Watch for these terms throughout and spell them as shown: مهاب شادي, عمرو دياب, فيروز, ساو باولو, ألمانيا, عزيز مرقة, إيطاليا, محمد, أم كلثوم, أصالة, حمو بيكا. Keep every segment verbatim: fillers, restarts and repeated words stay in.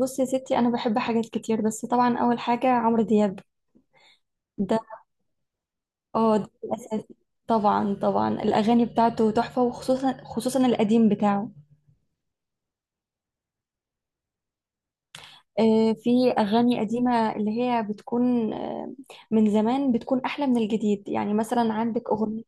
بصي يا ستي، انا بحب حاجات كتير، بس طبعا اول حاجه عمرو دياب ده. اه، ده الاساسي. طبعا طبعا الاغاني بتاعته تحفه، وخصوصا خصوصا القديم بتاعه. آه، في اغاني قديمه اللي هي بتكون آه، من زمان، بتكون احلى من الجديد. يعني مثلا عندك اغنيه.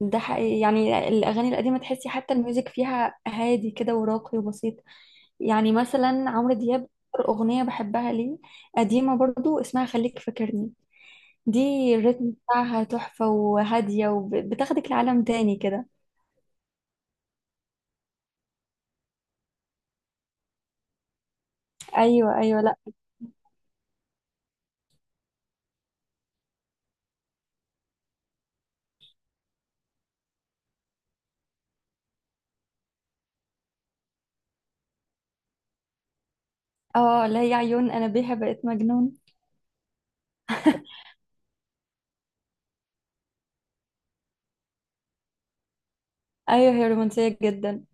ده حقيقي، يعني الاغاني القديمه تحسي حتى الميوزك فيها هادي كده وراقي وبسيط. يعني مثلا عمرو دياب أكتر اغنيه بحبها ليه، قديمه برضو، اسمها خليك فاكرني دي. الريتم بتاعها تحفة وهادية، وبتاخدك لعالم تاني كده. أيوة أيوة، لأ. اه، لا، هي عيون أنا بيها بقيت مجنون. أيوة، هي رومانسية جدا.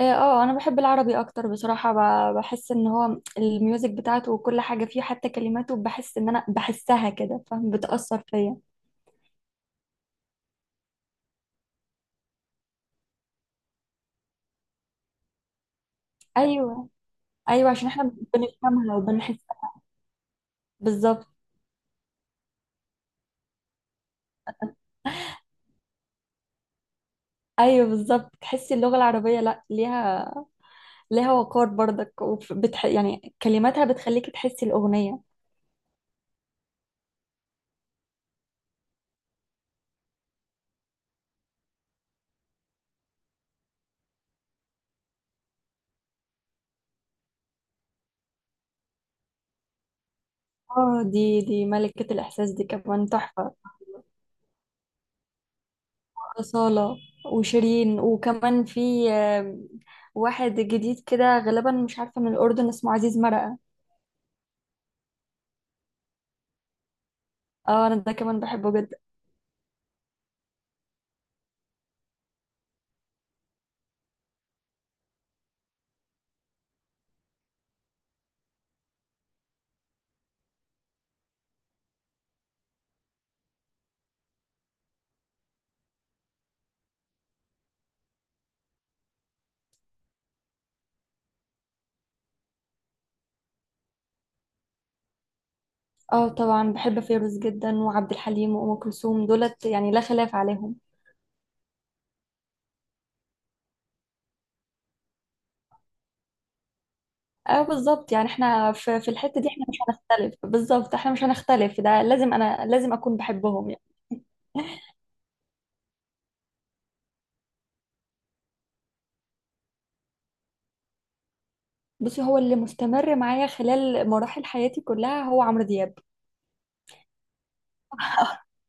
اه. آه، أنا بحب العربي أكتر بصراحة. ب- بحس إن هو الميوزك بتاعته، وكل حاجة فيه حتى كلماته، بحس إن أنا بحسها كده، فاهم، بتأثر فيا. أيوة. أيوة، عشان إحنا بنفهمها وبنحسها. بالظبط. ايوه بالظبط، تحسي اللغه العربيه لا ليها ليها وقار برضك، وبتح... يعني كلماتها بتخليكي تحسي الاغنيه. اه، دي دي ملكة الإحساس، دي كمان تحفة. أصالة وشيرين، وكمان في آه، واحد جديد كده غالبا مش عارفة من الأردن، اسمه عزيز مرقة. اه، أنا ده كمان بحبه جدا. اه طبعا، بحب فيروز جدا وعبد الحليم وأم كلثوم، دولت يعني لا خلاف عليهم. اه بالظبط، يعني احنا في, في الحتة دي احنا مش هنختلف، بالظبط احنا مش هنختلف، ده لازم، أنا لازم أكون بحبهم يعني. بصي، هو اللي مستمر معايا خلال مراحل حياتي كلها هو عمرو دياب.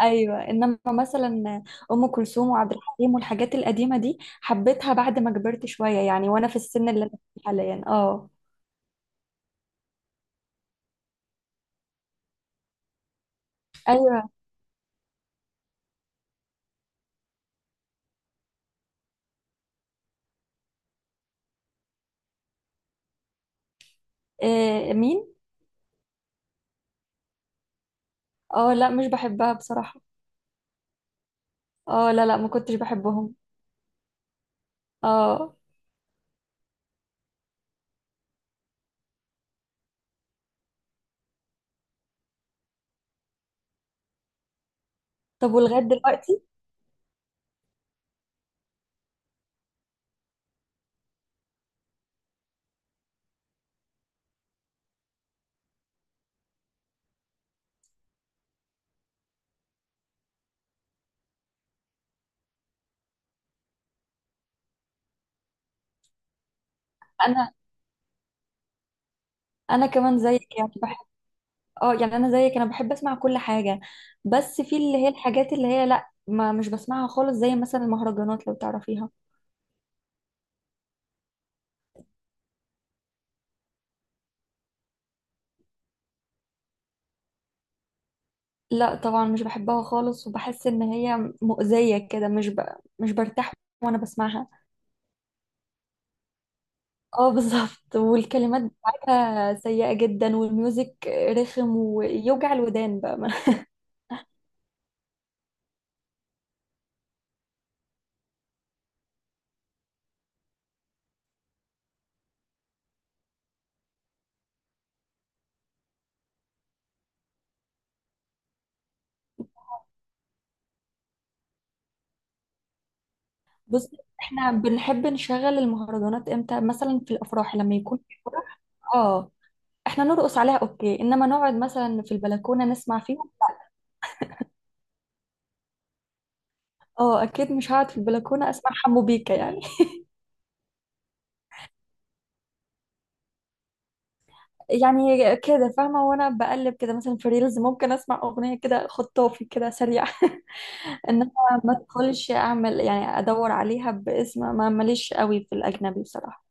ايوه، انما مثلا ام كلثوم وعبد الحليم والحاجات القديمه دي حبيتها بعد ما كبرت شويه يعني، وانا في السن اللي انا فيه حاليا. اه. ايوه. إيه مين؟ اه لا، مش بحبها بصراحه. اه، لا لا، ما كنتش بحبهم. اه. طب ولغايه دلوقتي؟ انا انا كمان زيك يعني، بحب. اه يعني، انا زيك، انا بحب اسمع كل حاجه. بس في اللي هي الحاجات اللي هي، لا ما مش بسمعها خالص، زي مثلا المهرجانات لو تعرفيها. لا طبعا، مش بحبها خالص، وبحس ان هي مؤذية كده، مش ب... مش برتاح وانا بسمعها. اه بالظبط، والكلمات بتاعتها سيئة جدا، والميوزك رخم ويوجع الودان بقى. بص، احنا بنحب نشغل المهرجانات امتى؟ مثلا في الافراح، لما يكون في فرح. اه، احنا نرقص عليها اوكي، انما نقعد مثلا في البلكونة نسمع فيهم؟ اه اكيد، مش هقعد في البلكونة اسمع حمو بيكا يعني. يعني كده فاهمة، وانا بقلب كده مثلا في ريلز، ممكن اسمع اغنية كده خطافي كده سريع. انما ما ادخلش اعمل يعني ادور عليها باسم، ما ماليش قوي في الاجنبي بصراحة.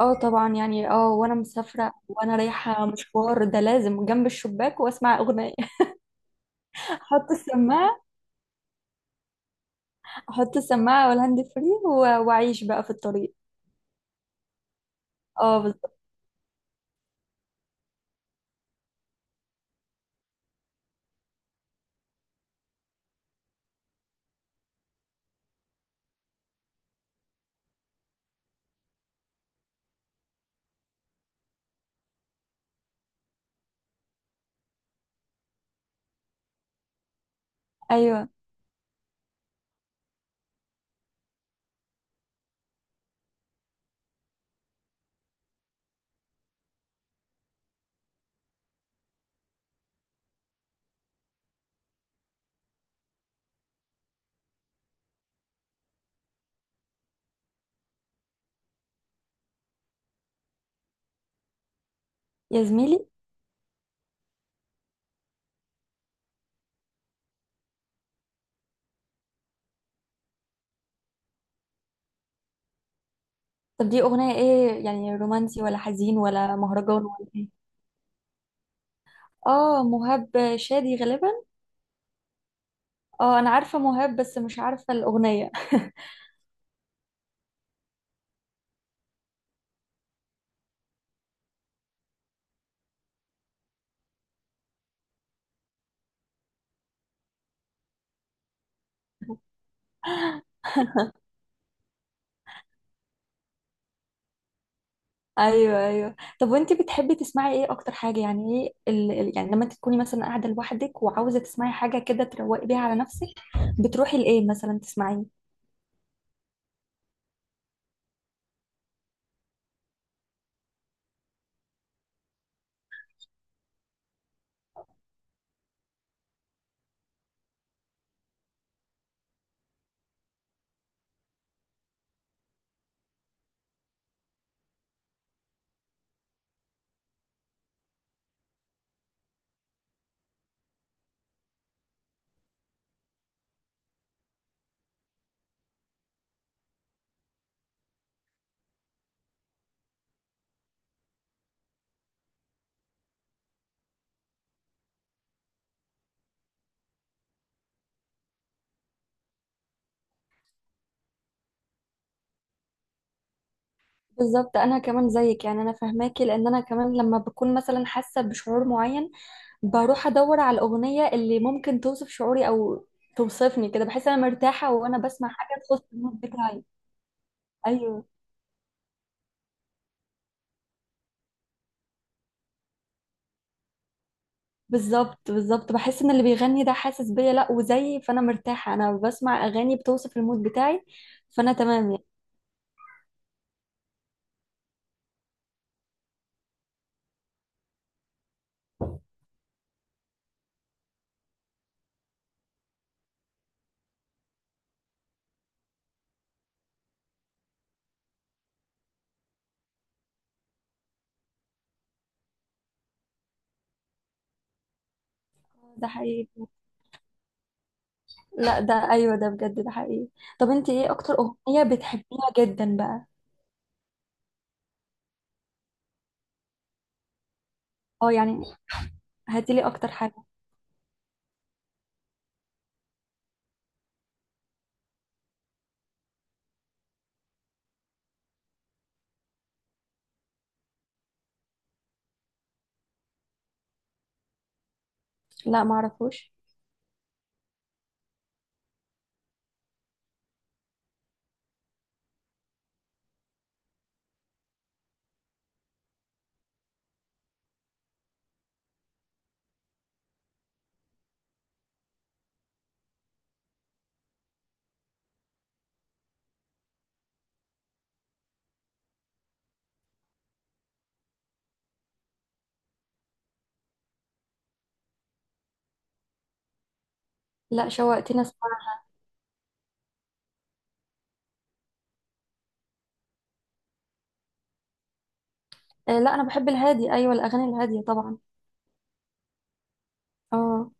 اه طبعا يعني. اه، وانا مسافرة وانا رايحة مشوار، ده لازم جنب الشباك واسمع اغنية. احط السماعة احط السماعة والهاند فري، و- واعيش بقى في الطريق. اه بالظبط. ايوه، يا زميلي. طب دي اغنية ايه؟ يعني رومانسي ولا حزين ولا مهرجان ولا ايه؟ اه، مهاب شادي غالبا. اه، انا عارفة مهاب، بس مش عارفة الأغنية. ايوه ايوه. طب وانتي بتحبي تسمعي ايه اكتر حاجة؟ يعني ايه ال... ال- يعني لما انت تكوني مثلا قاعدة لوحدك وعاوزة تسمعي حاجة كده تروقي بيها على نفسك، بتروحي لايه مثلا تسمعيه؟ بالظبط، انا كمان زيك يعني. انا فاهماكي، لان انا كمان لما بكون مثلا حاسة بشعور معين، بروح ادور على الأغنية اللي ممكن توصف شعوري او توصفني كده. بحس انا مرتاحة وانا بسمع حاجة تخص المود بتاعي. ايوه بالظبط بالظبط، بحس ان اللي بيغني ده حاسس بيا، لا وزيي، فانا مرتاحه انا بسمع اغاني بتوصف المود بتاعي، فانا تمام يعني. ده حقيقي. لا، ده ايوه، ده بجد، ده حقيقي. طب انت، ايه اكتر اغنيه بتحبيها جدا بقى؟ اه يعني، هاتيلي اكتر حاجه. لا، ما اعرفش. لا، شوقتيني اسمع. آه لا، انا بحب الهادي، ايوه الاغاني الهاديه طبعا. اه.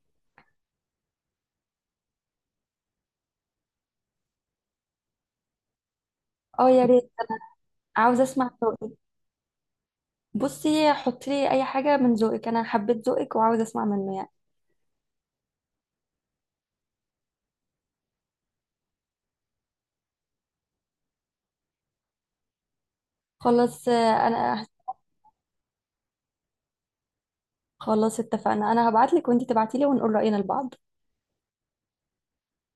اه، يا ريت. عاوزه اسمع ذوقك. بصي، حطي لي اي حاجه من ذوقك، انا حبيت ذوقك وعاوزه اسمع منه يعني. خلاص. آه، انا خلاص اتفقنا، انا هبعتلك وانتي تبعتيلي ونقول رأينا لبعض.